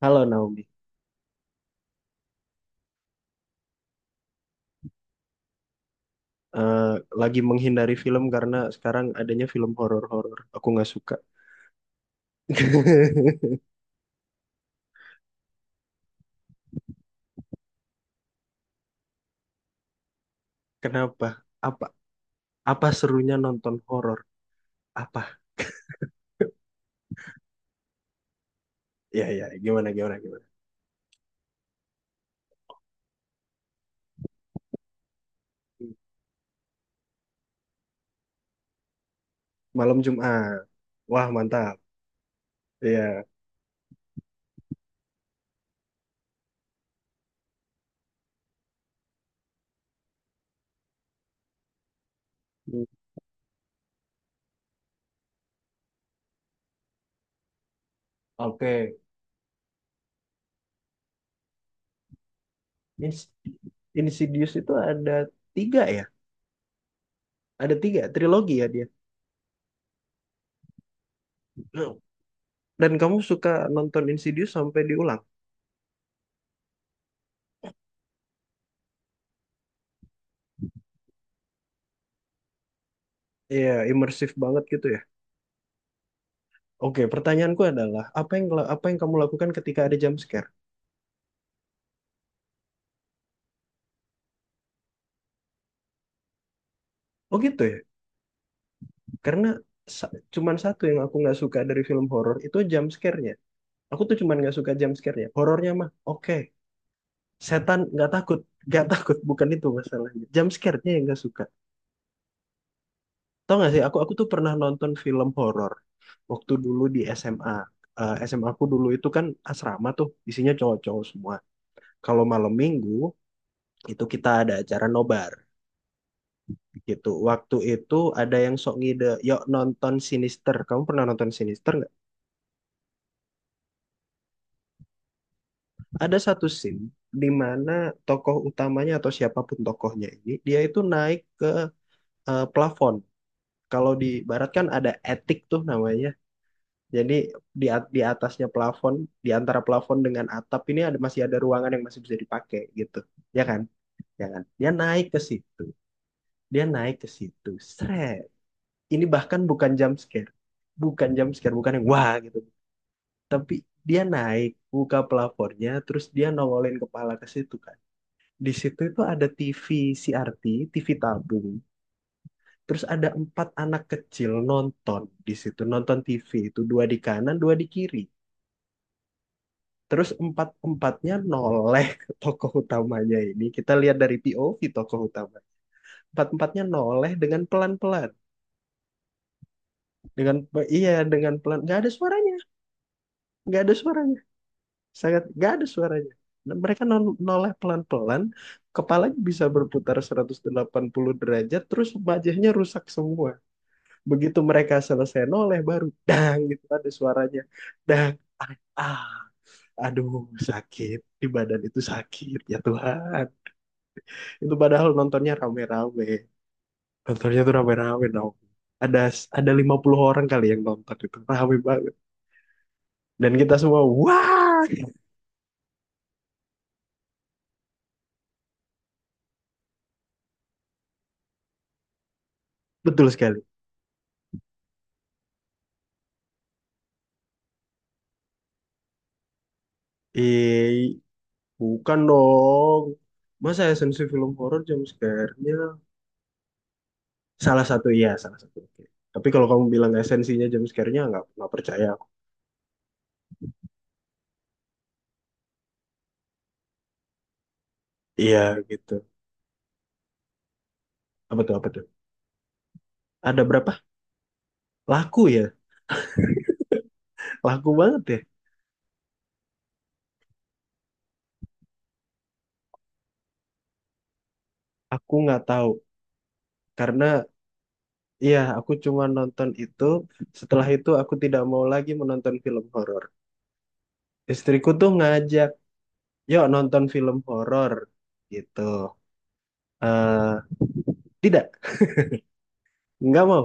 Halo Naomi, Eh, lagi menghindari film karena sekarang adanya film horor-horor. Aku nggak suka. Kenapa? Apa apa serunya nonton horor? Apa? Ya ya, gimana gimana gimana. Malam Jumat. Wah, mantap. Iya. Hmm. Oke. Ins- Insidious itu ada tiga ya? Ada tiga trilogi ya dia. Dan kamu suka nonton Insidious sampai diulang? Iya, imersif banget gitu ya? Oke, pertanyaanku adalah apa yang kamu lakukan ketika ada jump scare? Oh gitu ya. Karena cuman satu yang aku nggak suka dari film horor itu jump scare-nya. Aku tuh cuman nggak suka jump scare-nya. Horornya mah oke. Setan nggak takut, nggak takut bukan itu masalahnya. Jump scare-nya yang nggak suka. Tau nggak sih? Aku tuh pernah nonton film horor waktu dulu di SMA. SMA aku dulu itu kan asrama tuh isinya cowok-cowok semua. Kalau malam minggu itu kita ada acara nobar gitu. Waktu itu ada yang sok ngide, yuk nonton Sinister. Kamu pernah nonton Sinister nggak? Ada satu scene di mana tokoh utamanya atau siapapun tokohnya ini, dia itu naik ke plafon. Kalau di barat kan ada attic tuh namanya. Jadi di atasnya plafon, di antara plafon dengan atap ini masih ada ruangan yang masih bisa dipakai gitu. Ya kan? Ya kan? Dia naik ke situ. Dia naik ke situ. Seret. Ini bahkan bukan jump scare bukan yang wah gitu, tapi dia naik buka pelapornya terus dia nongolin kepala ke situ kan. Di situ itu ada TV CRT, TV tabung. Terus ada empat anak kecil nonton di situ, nonton TV itu, dua di kanan dua di kiri. Terus empat empatnya noleh ke tokoh utamanya ini, kita lihat dari POV tokoh utama. Empat empatnya noleh dengan pelan pelan, dengan, iya dengan pelan, nggak ada suaranya, nggak ada suaranya, sangat nggak ada suaranya. Dan mereka noleh pelan-pelan, kepalanya bisa berputar 180 derajat terus wajahnya rusak semua. Begitu mereka selesai noleh baru dang gitu ada suaranya, dang, ah, ah, aduh, sakit di badan itu, sakit ya Tuhan. Itu padahal nontonnya rame-rame, nontonnya tuh rame-rame dong. Ada ada 50 orang kali yang nonton itu, rame banget, dan kita semua wah. Betul sekali i. Bukan dong. Masa esensi film horor jumpscare-nya? Salah satu, iya salah satu. Oke. Tapi kalau kamu bilang esensinya jumpscare-nya, nggak percaya aku. Iya gitu. Apa tuh, apa tuh? Ada berapa? Laku ya? Laku banget ya? Aku nggak tahu. Karena iya aku cuma nonton itu. Setelah itu aku tidak mau lagi menonton film horor. Istriku tuh ngajak, yuk nonton film horor. Gitu. eh Tidak, nggak mau.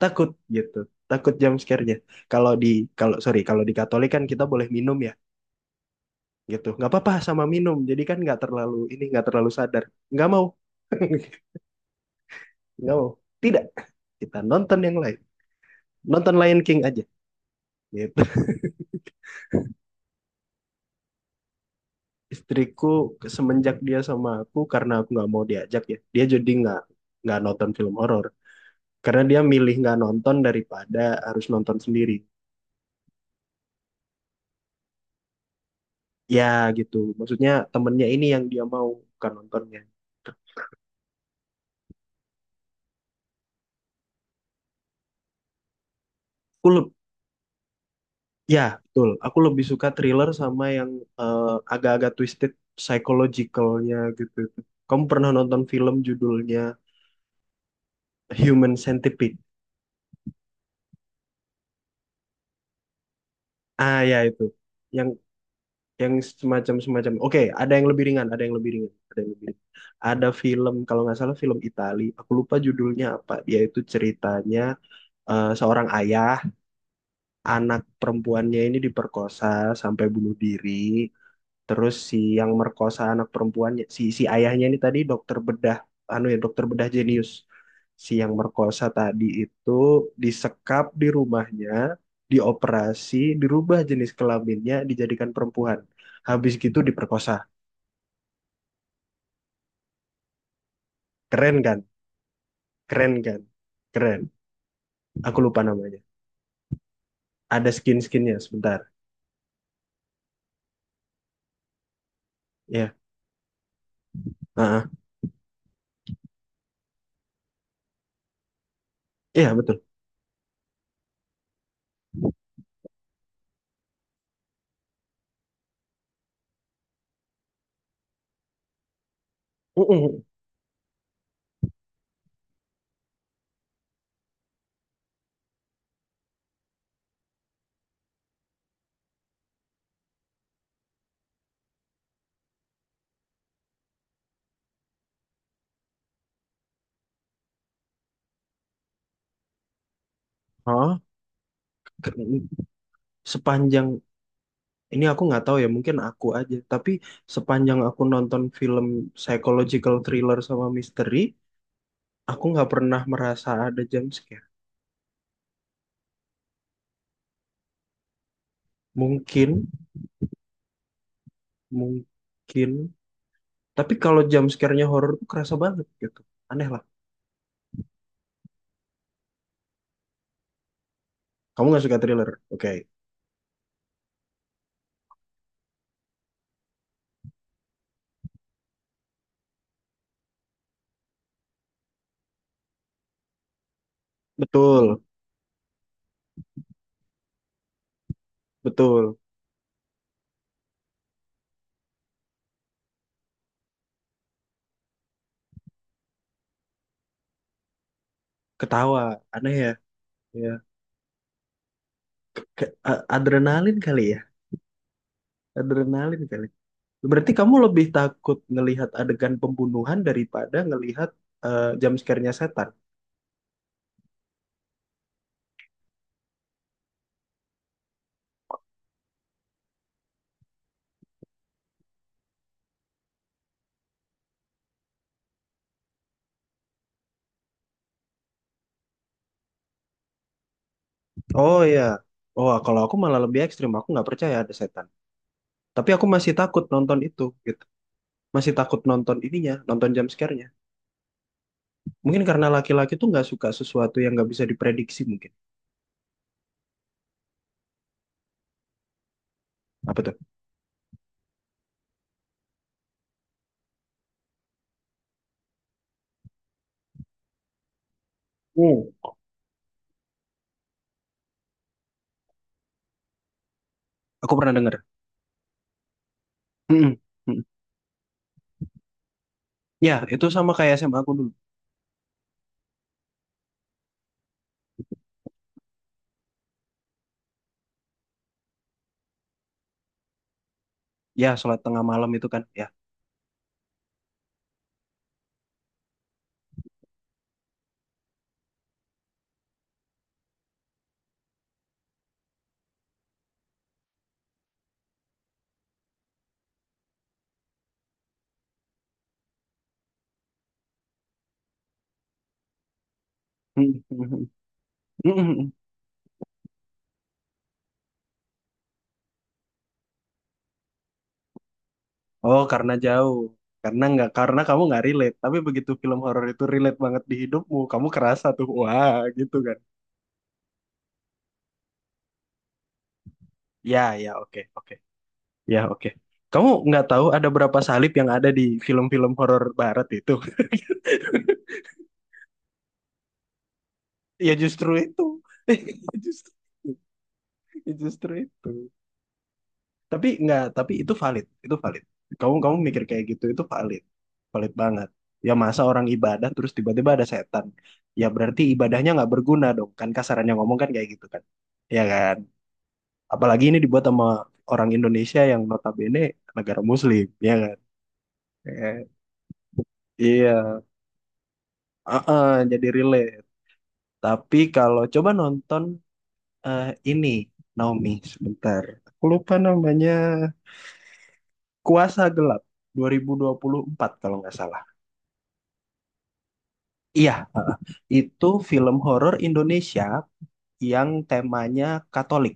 Takut gitu, takut jam scare-nya. kalau di Kalau, sorry, kalau di Katolik kan kita boleh minum ya, gitu nggak apa-apa, sama minum jadi kan nggak terlalu ini, nggak terlalu sadar. Nggak mau. Nggak mau, tidak, kita nonton yang lain, nonton Lion King aja, gitu. Istriku, semenjak dia sama aku, karena aku nggak mau diajak ya, dia jadi nggak nonton film horor, karena dia milih nggak nonton daripada harus nonton sendiri. Ya gitu, maksudnya temennya ini yang dia mau, bukan nontonnya. Aku, ya betul. Aku lebih suka thriller sama yang eh, agak-agak twisted psychological-nya gitu. Kamu pernah nonton film judulnya Human Centipede? Ah, ya itu. Yang yang semacam-semacam. Oke, ada yang lebih ringan, ada yang lebih ringan, ada yang lebih ringan. Ada film kalau nggak salah film Itali. Aku lupa judulnya apa. Dia itu ceritanya seorang ayah, anak perempuannya ini diperkosa sampai bunuh diri. Terus si yang merkosa anak perempuannya, si si ayahnya ini tadi dokter bedah, anu ya dokter bedah jenius. Si yang merkosa tadi itu disekap di rumahnya, dioperasi, dirubah jenis kelaminnya, dijadikan perempuan. Habis gitu diperkosa. Keren kan? Keren kan? Keren. Aku lupa namanya. Ada skin-skinnya sebentar. Ya, heeh. Iya betul. Mm-mm. Hah? Sepanjang Ini aku nggak tahu ya, mungkin aku aja. Tapi sepanjang aku nonton film psychological thriller sama misteri, aku nggak pernah merasa ada jump scare. Mungkin, mungkin. Tapi kalau jump scare-nya horor tuh kerasa banget gitu. Aneh lah. Kamu nggak suka thriller? Oke. Betul, betul. Ketawa. Aneh ya. Ya. Adrenalin kali ya. Adrenalin kali. Berarti kamu lebih takut ngelihat adegan pembunuhan daripada ngelihat jump scare-nya setan. Oh iya. Oh, kalau aku malah lebih ekstrim. Aku nggak percaya ada setan. Tapi aku masih takut nonton itu, gitu. Masih takut nonton ininya, nonton jump scare-nya. Mungkin karena laki-laki tuh nggak suka sesuatu yang nggak bisa diprediksi mungkin. Apa tuh? Hmm. Aku pernah denger. Mm-mm. Mm-mm. Ya, itu sama kayak SMA aku dulu. Ya, sholat tengah malam itu kan. Ya. Mm-mm. Mm-mm. Oh, karena jauh. Karena nggak, karena kamu nggak relate. Tapi begitu film horor itu relate banget di hidupmu, kamu kerasa tuh, wah, gitu kan. Ya, ya, oke, oke. Ya, oke. Kamu nggak tahu ada berapa salib yang ada di film-film horor barat itu? Ya justru itu. Justru, justru itu. Tapi nggak, tapi itu valid, itu valid. Kamu kamu mikir kayak gitu itu valid. Valid banget. Ya masa orang ibadah terus tiba-tiba ada setan. Ya berarti ibadahnya nggak berguna dong. Kan kasarannya ngomong kan kayak gitu kan. Ya kan? Apalagi ini dibuat sama orang Indonesia yang notabene negara muslim, ya kan? Eh, iya. Heeh, jadi relate. Tapi kalau coba nonton, eh, ini, Naomi sebentar. Aku lupa namanya, Kuasa Gelap 2024 kalau nggak salah. Iya, heeh. Itu film horor Indonesia yang temanya Katolik.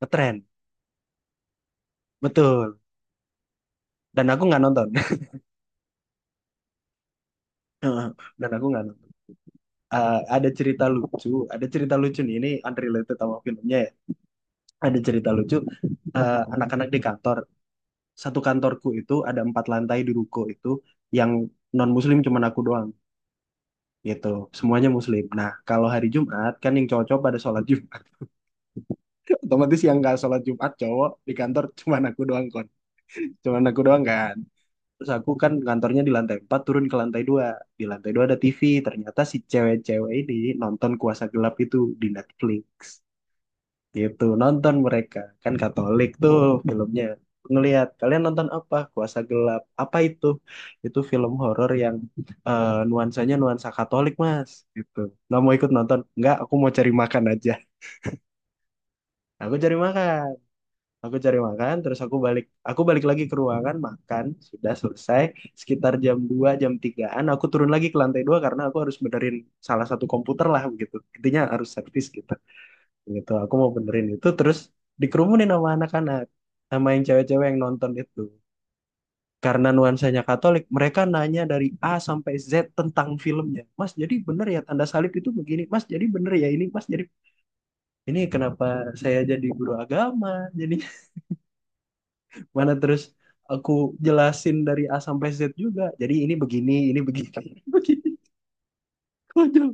Ngetren. Betul. Dan aku nggak nonton. Dan aku nggak nonton. Eh, ada cerita lucu, ada cerita lucu nih, ini unrelated sama filmnya ya. Ada cerita lucu, anak-anak di kantor, satu kantorku itu ada empat lantai di ruko itu, yang non muslim cuman aku doang, gitu, semuanya muslim. Nah kalau hari Jumat kan yang cowok-cowok pada sholat Jumat, otomatis yang nggak sholat Jumat cowok di kantor cuman aku doang kon, cuman aku doang kan. Terus aku kan kantornya di lantai empat, turun ke lantai 2. Di lantai 2 ada TV. Ternyata si cewek-cewek ini nonton Kuasa Gelap itu di Netflix, gitu, nonton. Mereka kan Katolik tuh filmnya. Ngelihat kalian nonton apa? Kuasa Gelap. Apa itu? Itu film horor yang nuansanya nuansa Katolik, mas, gitu. Nggak mau ikut nonton? Nggak, aku mau cari makan aja. Aku cari makan, terus aku balik, lagi ke ruangan makan, sudah selesai, sekitar jam 2 jam tigaan. Aku turun lagi ke lantai dua karena aku harus benerin salah satu komputer lah, begitu intinya harus servis, gitu. Gitu aku mau benerin itu, terus dikerumunin sama anak-anak, sama yang cewek-cewek yang nonton itu. Karena nuansanya Katolik, mereka nanya dari A sampai Z tentang filmnya. Mas, jadi bener ya tanda salib itu begini? Mas, jadi bener ya ini? Mas, jadi ini kenapa? Saya jadi guru agama, jadi, mana, terus aku jelasin dari A sampai Z juga, jadi ini begini, ini begini, begini. Konyol.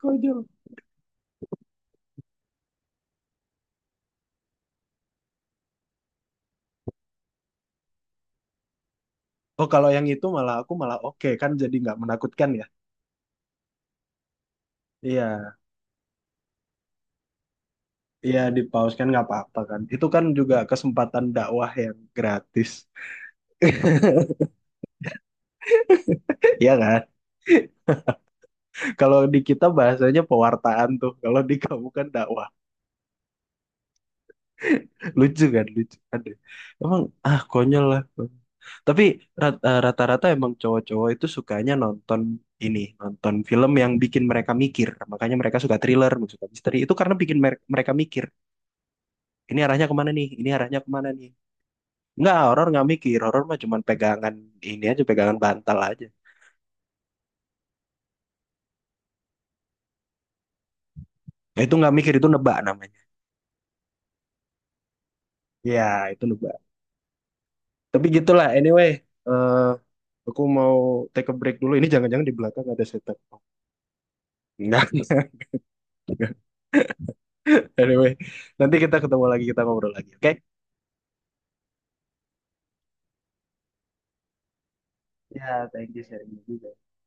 Konyol. Oh, kalau yang itu malah, aku malah oke, kan jadi nggak menakutkan ya. Iya. Iya di pause kan nggak apa-apa kan. Itu kan juga kesempatan dakwah yang gratis. Iya kan? Kalau di kita bahasanya pewartaan tuh. Kalau di kamu kan dakwah. Lucu kan? Lucu. Aduh. Emang konyol lah. Tapi rata-rata emang cowok-cowok itu sukanya nonton ini, nonton film yang bikin mereka mikir. Makanya mereka suka thriller, suka misteri. Itu karena bikin mereka mikir. Ini arahnya kemana nih? Ini arahnya kemana nih? Enggak, horor nggak mikir. Horor mah cuman pegangan ini aja, pegangan bantal aja. Ya, itu nggak mikir, itu nebak namanya. Ya itu nebak. Tapi gitulah, anyway, eh aku mau take a break dulu, ini jangan-jangan di belakang ada setup. Enggak. Anyway, nanti kita ketemu lagi, kita ngobrol lagi, oke. Ya, thank you, sharing juga.